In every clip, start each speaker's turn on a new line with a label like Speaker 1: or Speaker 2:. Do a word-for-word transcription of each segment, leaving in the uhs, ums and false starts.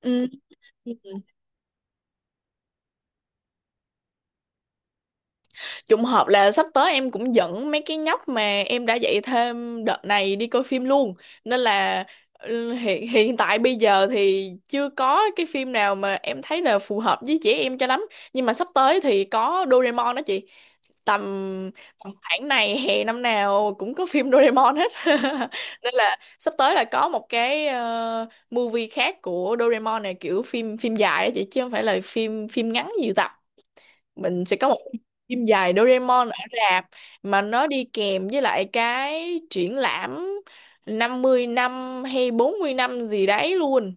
Speaker 1: Ừ. Trùng hợp là sắp tới em cũng dẫn mấy cái nhóc mà em đã dạy thêm đợt này đi coi phim luôn. Nên là ừ, hiện hiện tại bây giờ thì chưa có cái phim nào mà em thấy là phù hợp với trẻ em cho lắm. Nhưng mà sắp tới thì có Doraemon đó chị. Tầm tầm khoảng này hè năm nào cũng có phim Doraemon hết. Nên là sắp tới là có một cái ờ, movie khác của Doraemon, này kiểu phim phim dài á chị chứ không phải là phim phim ngắn nhiều tập. Mình sẽ có một phim dài Doraemon ở rạp mà nó đi kèm với lại cái triển lãm năm mươi năm hay bốn mươi năm gì đấy luôn.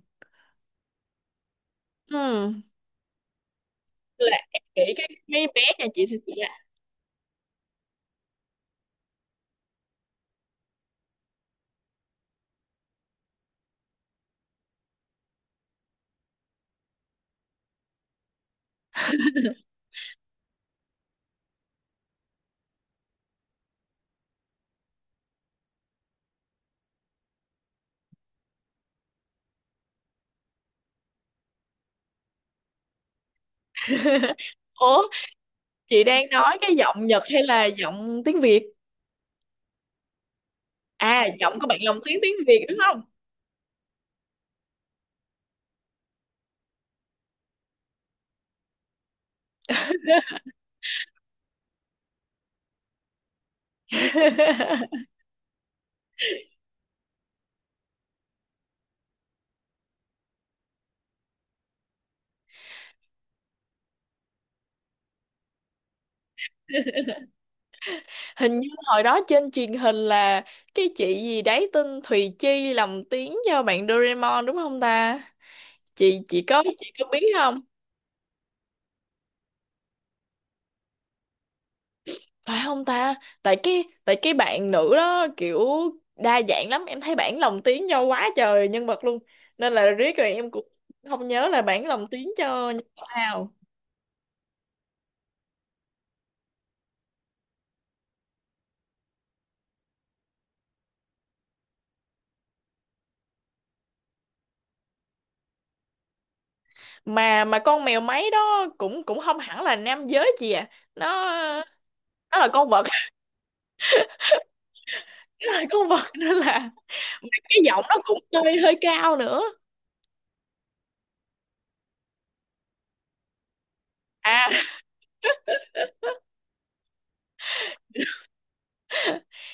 Speaker 1: Ừ. Là em nghĩ cái mấy bé nhà chị thì chị là… Ủa, chị đang nói cái giọng Nhật hay là giọng tiếng Việt? À, giọng của bạn lồng tiếng tiếng Việt đúng không? Hình như hồi đó trên truyền hình là cái chị gì đấy tên Thùy Chi lồng tiếng cho bạn Doraemon đúng không ta? chị chị có chị có biết không? Phải không ta? Tại cái tại cái bạn nữ đó kiểu đa dạng lắm, em thấy bản lồng tiếng cho quá trời nhân vật luôn, nên là riết rồi em cũng không nhớ là bản lồng tiếng cho nhân vật nào. Mà mà con mèo máy đó cũng cũng không hẳn là nam giới chị à. Nó nó là con vật. Nó là con vật nên là cái giọng nó cũng hơi hơi cao nữa. À,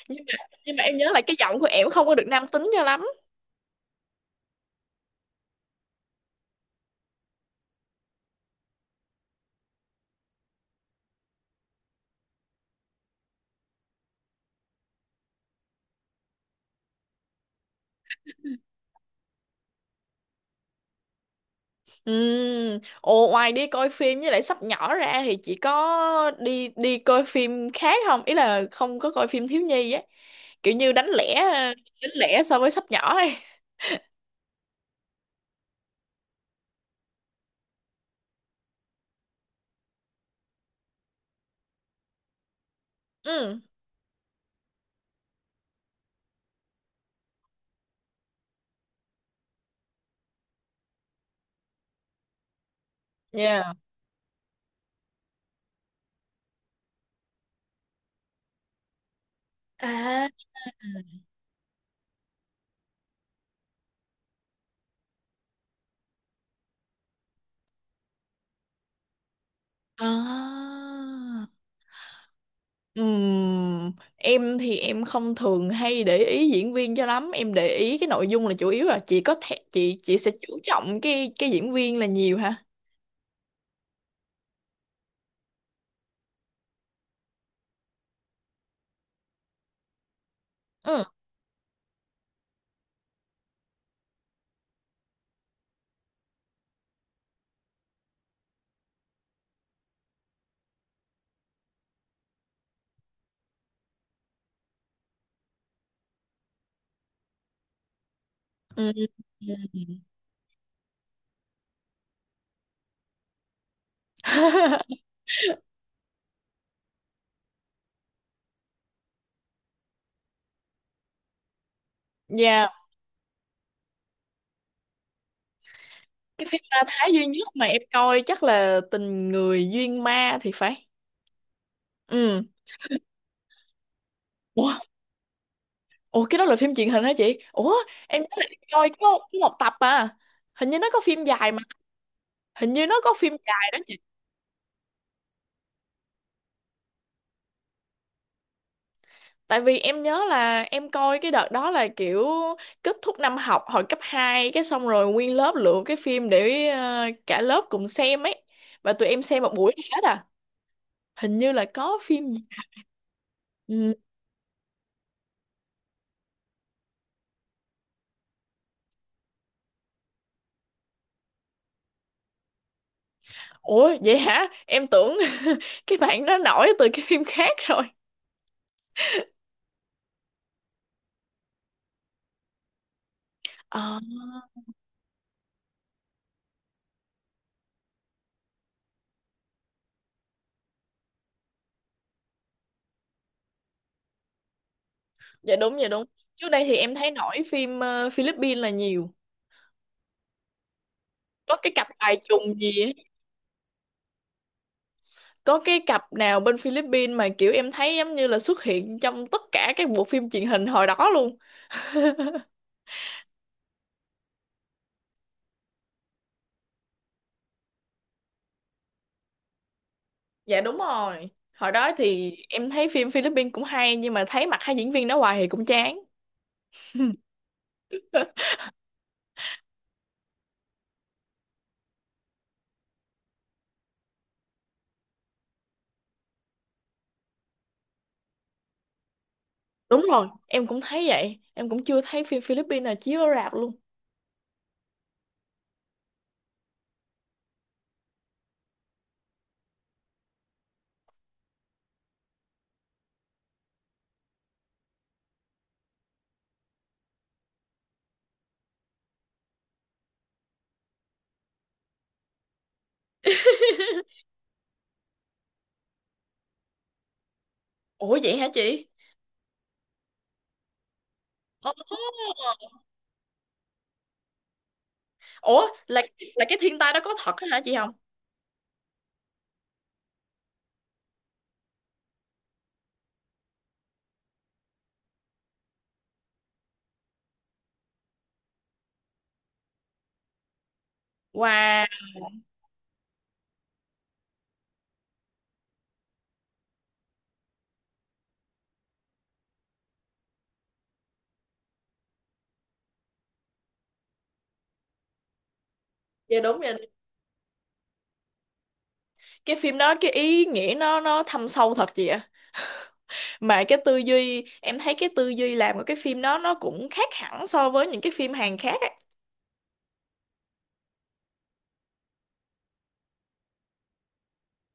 Speaker 1: nhưng mà nhưng mà em nhớ là cái giọng của em không có được nam tính cho lắm. Ừ. Ồ, ngoài đi coi phim với lại sắp nhỏ ra thì chị có đi đi coi phim khác không? Ý là không có coi phim thiếu nhi ấy. Kiểu như đánh lẻ đánh lẻ so với sắp nhỏ ấy. Ừ. Yeah. À. À. Ừm, Em thì em không thường hay để ý diễn viên cho lắm, em để ý cái nội dung là chủ yếu. Là chị có thể chị chị sẽ chú trọng cái cái diễn viên là nhiều hả? Ừ. Ừ. Ừ. Cái phim ma Thái duy nhất mà em coi chắc là Tình Người Duyên Ma thì phải. Ừ. Ủa, ủa cái đó là phim truyền hình hả chị? Ủa, em nhớ là em coi có, có một tập à. Hình như nó có phim dài mà. Hình như nó có phim dài đó chị. Tại vì em nhớ là em coi cái đợt đó là kiểu kết thúc năm học hồi cấp hai, cái xong rồi nguyên lớp lựa cái phim để ờ, cả lớp cùng xem ấy. Và tụi em xem một buổi hết à. Hình như là có phim gì. Ừ. Ủa vậy hả? Em tưởng cái bạn đó nổi từ cái phim khác rồi. Ờ, dạ đúng, dạ đúng. Trước đây thì em thấy nổi phim ờ, Philippines là nhiều. Có cái cặp bài trùng gì ấy. Có cái cặp nào bên Philippines mà kiểu em thấy giống như là xuất hiện trong tất cả các bộ phim truyền hình hồi đó luôn. Dạ đúng rồi. Hồi đó thì em thấy phim Philippines cũng hay nhưng mà thấy mặt hai diễn viên đó hoài thì cũng chán. Đúng rồi, em cũng thấy vậy. Em cũng chưa thấy phim Philippines nào chiếu ở rạp luôn. Ủa vậy hả chị? Ồ, ủa là là cái thiên tai đó có thật á hả chị không? Wow, dạ đúng rồi. Cái phim đó cái ý nghĩa nó nó thâm sâu thật chị ạ. Mà cái tư duy, em thấy cái tư duy làm của cái phim đó nó cũng khác hẳn so với những cái phim Hàn khác á.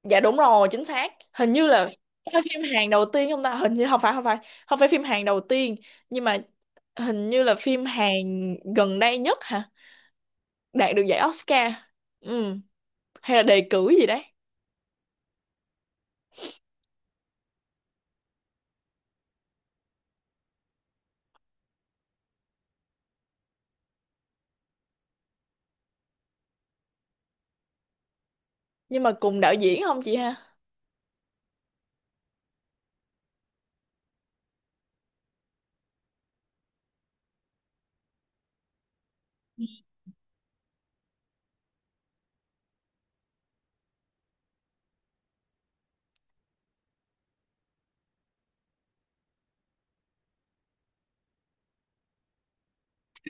Speaker 1: Dạ đúng rồi, chính xác. Hình như là phải phim Hàn đầu tiên không ta? Hình như không phải, không phải. Không phải phim Hàn đầu tiên, nhưng mà hình như là phim Hàn gần đây nhất hả? Đạt được giải Oscar. Ừ, hay là đề cử gì đấy. Nhưng mà cùng đạo diễn không chị ha?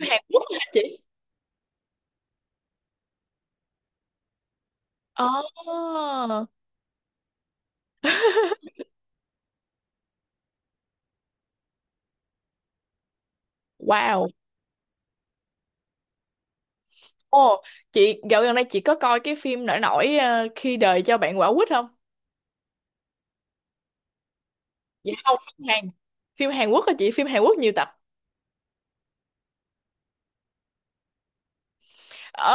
Speaker 1: Hàn Quốc hả chị? Oh, wow. Ồ, chị dạo gần đây chị có coi cái phim nổi nổi ờ, khi đời cho bạn quả quýt không? Dạ không, phim Hàn. Phim Hàn Quốc hả chị? Phim Hàn Quốc nhiều tập. Ờ,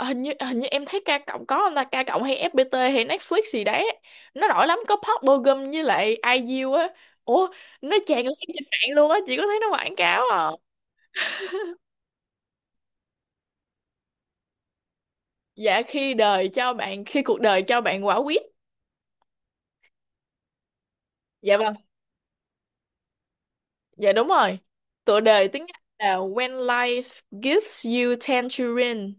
Speaker 1: hình như hình như em thấy K cộng có không ta? K cộng hay ép pi ti hay Netflix gì đấy. Nó nổi lắm, có Park Bo Gum với lại i u á. Ủa, nó tràn lan trên mạng luôn á, chị có thấy nó quảng cáo à? Dạ khi đời cho bạn khi cuộc đời cho bạn quả quýt. Dạ vâng. Dạ đúng rồi. Tựa đề tiếng Anh là When Life Gives You Tangerine.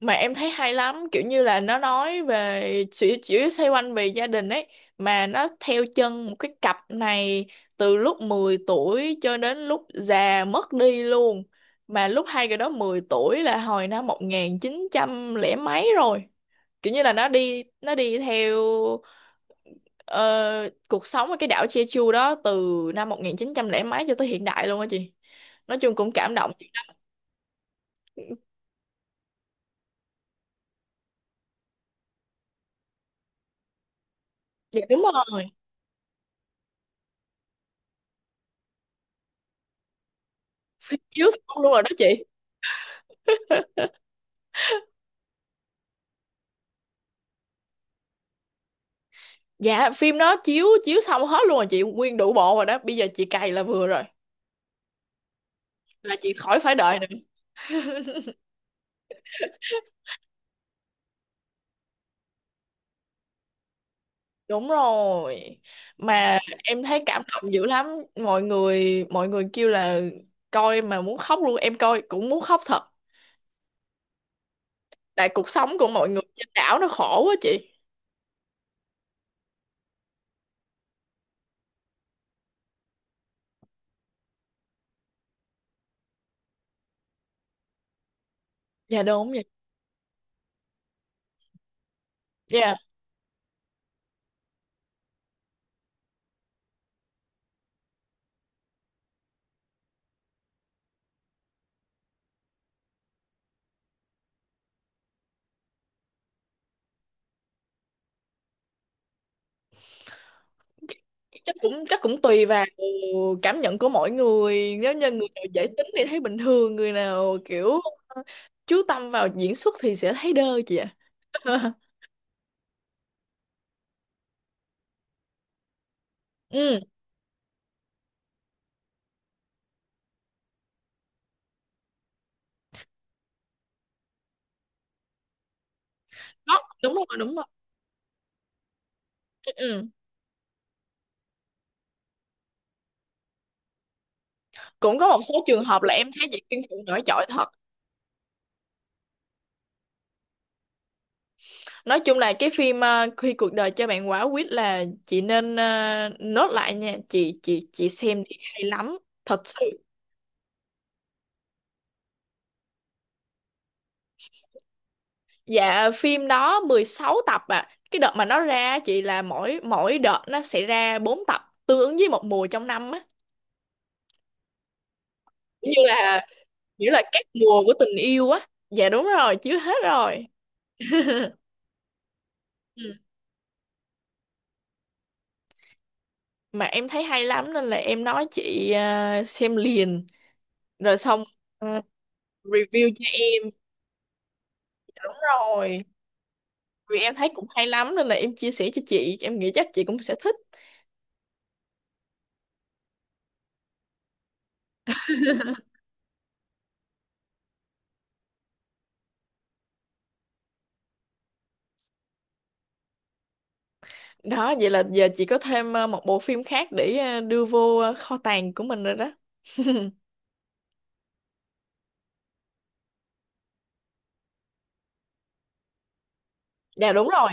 Speaker 1: Mà em thấy hay lắm, kiểu như là nó nói về, chỉ chỉ xoay quanh về gia đình ấy, mà nó theo chân một cái cặp này từ lúc mười tuổi cho đến lúc già mất đi luôn. Mà lúc hai người đó mười tuổi là hồi năm một nghìn chín trăm lẻ mấy rồi. Kiểu như là nó đi nó đi theo ờ, cuộc sống ở cái đảo Jeju đó, từ năm một nghìn chín trăm lẻ mấy cho tới hiện đại luôn á chị. Nói chung cũng cảm động dữ lắm. Dạ đúng rồi, chiếu xong luôn rồi đó chị. Dạ phim đó chiếu chiếu xong hết luôn rồi chị, nguyên đủ bộ rồi đó, bây giờ chị cày là vừa rồi, là chị khỏi phải đợi nữa. Đúng rồi, mà em thấy cảm động dữ lắm. Mọi người mọi người kêu là coi mà muốn khóc luôn, em coi cũng muốn khóc thật, tại cuộc sống của mọi người trên đảo nó khổ quá chị. Dạ đúng vậy. Dạ chắc cũng chắc cũng tùy vào cảm nhận của mỗi người, nếu như người nào dễ tính thì thấy bình thường, người nào kiểu ờ, chú tâm vào diễn xuất thì sẽ thấy đơ chị ạ. Ừ, có, đúng rồi, đúng rồi. Ừ. Ừ. Cũng có một số trường hợp là em thấy diễn viên phụ nổi trội thật. Nói chung là cái phim ờ, khi cuộc đời cho bạn quả quýt là chị nên ờ, nốt lại nha chị chị chị xem đi hay lắm thật sự. Dạ phim đó mười sáu tập à. Cái đợt mà nó ra á chị là mỗi mỗi đợt nó sẽ ra bốn tập, tương ứng với một mùa trong năm á. Giống như là, nghĩa là các mùa của tình yêu á. Dạ đúng rồi, chiếu hết rồi. Ừ. Mà em thấy hay lắm nên là em nói chị à, xem liền rồi xong à, review cho em. Đúng rồi. Vì em thấy cũng hay lắm nên là em chia sẻ cho chị, em nghĩ chắc chị cũng sẽ thích. Đó, vậy là giờ chị có thêm à, một bộ phim khác để à, đưa vô à, kho tàng của mình rồi đó. Dạ đúng rồi.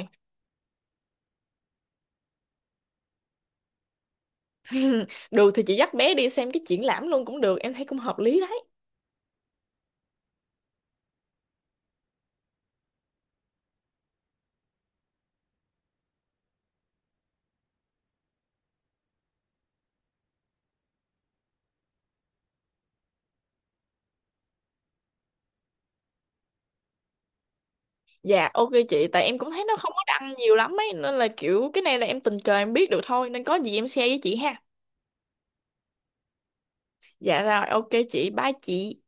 Speaker 1: Được thì chị dắt bé đi xem cái triển lãm luôn cũng được, em thấy cũng hợp lý đấy. Dạ ok chị, tại em cũng thấy nó không có đăng nhiều lắm ấy, nên là kiểu cái này là em tình cờ em biết được thôi, nên có gì em share với chị ha. Dạ rồi, ok chị, bye chị.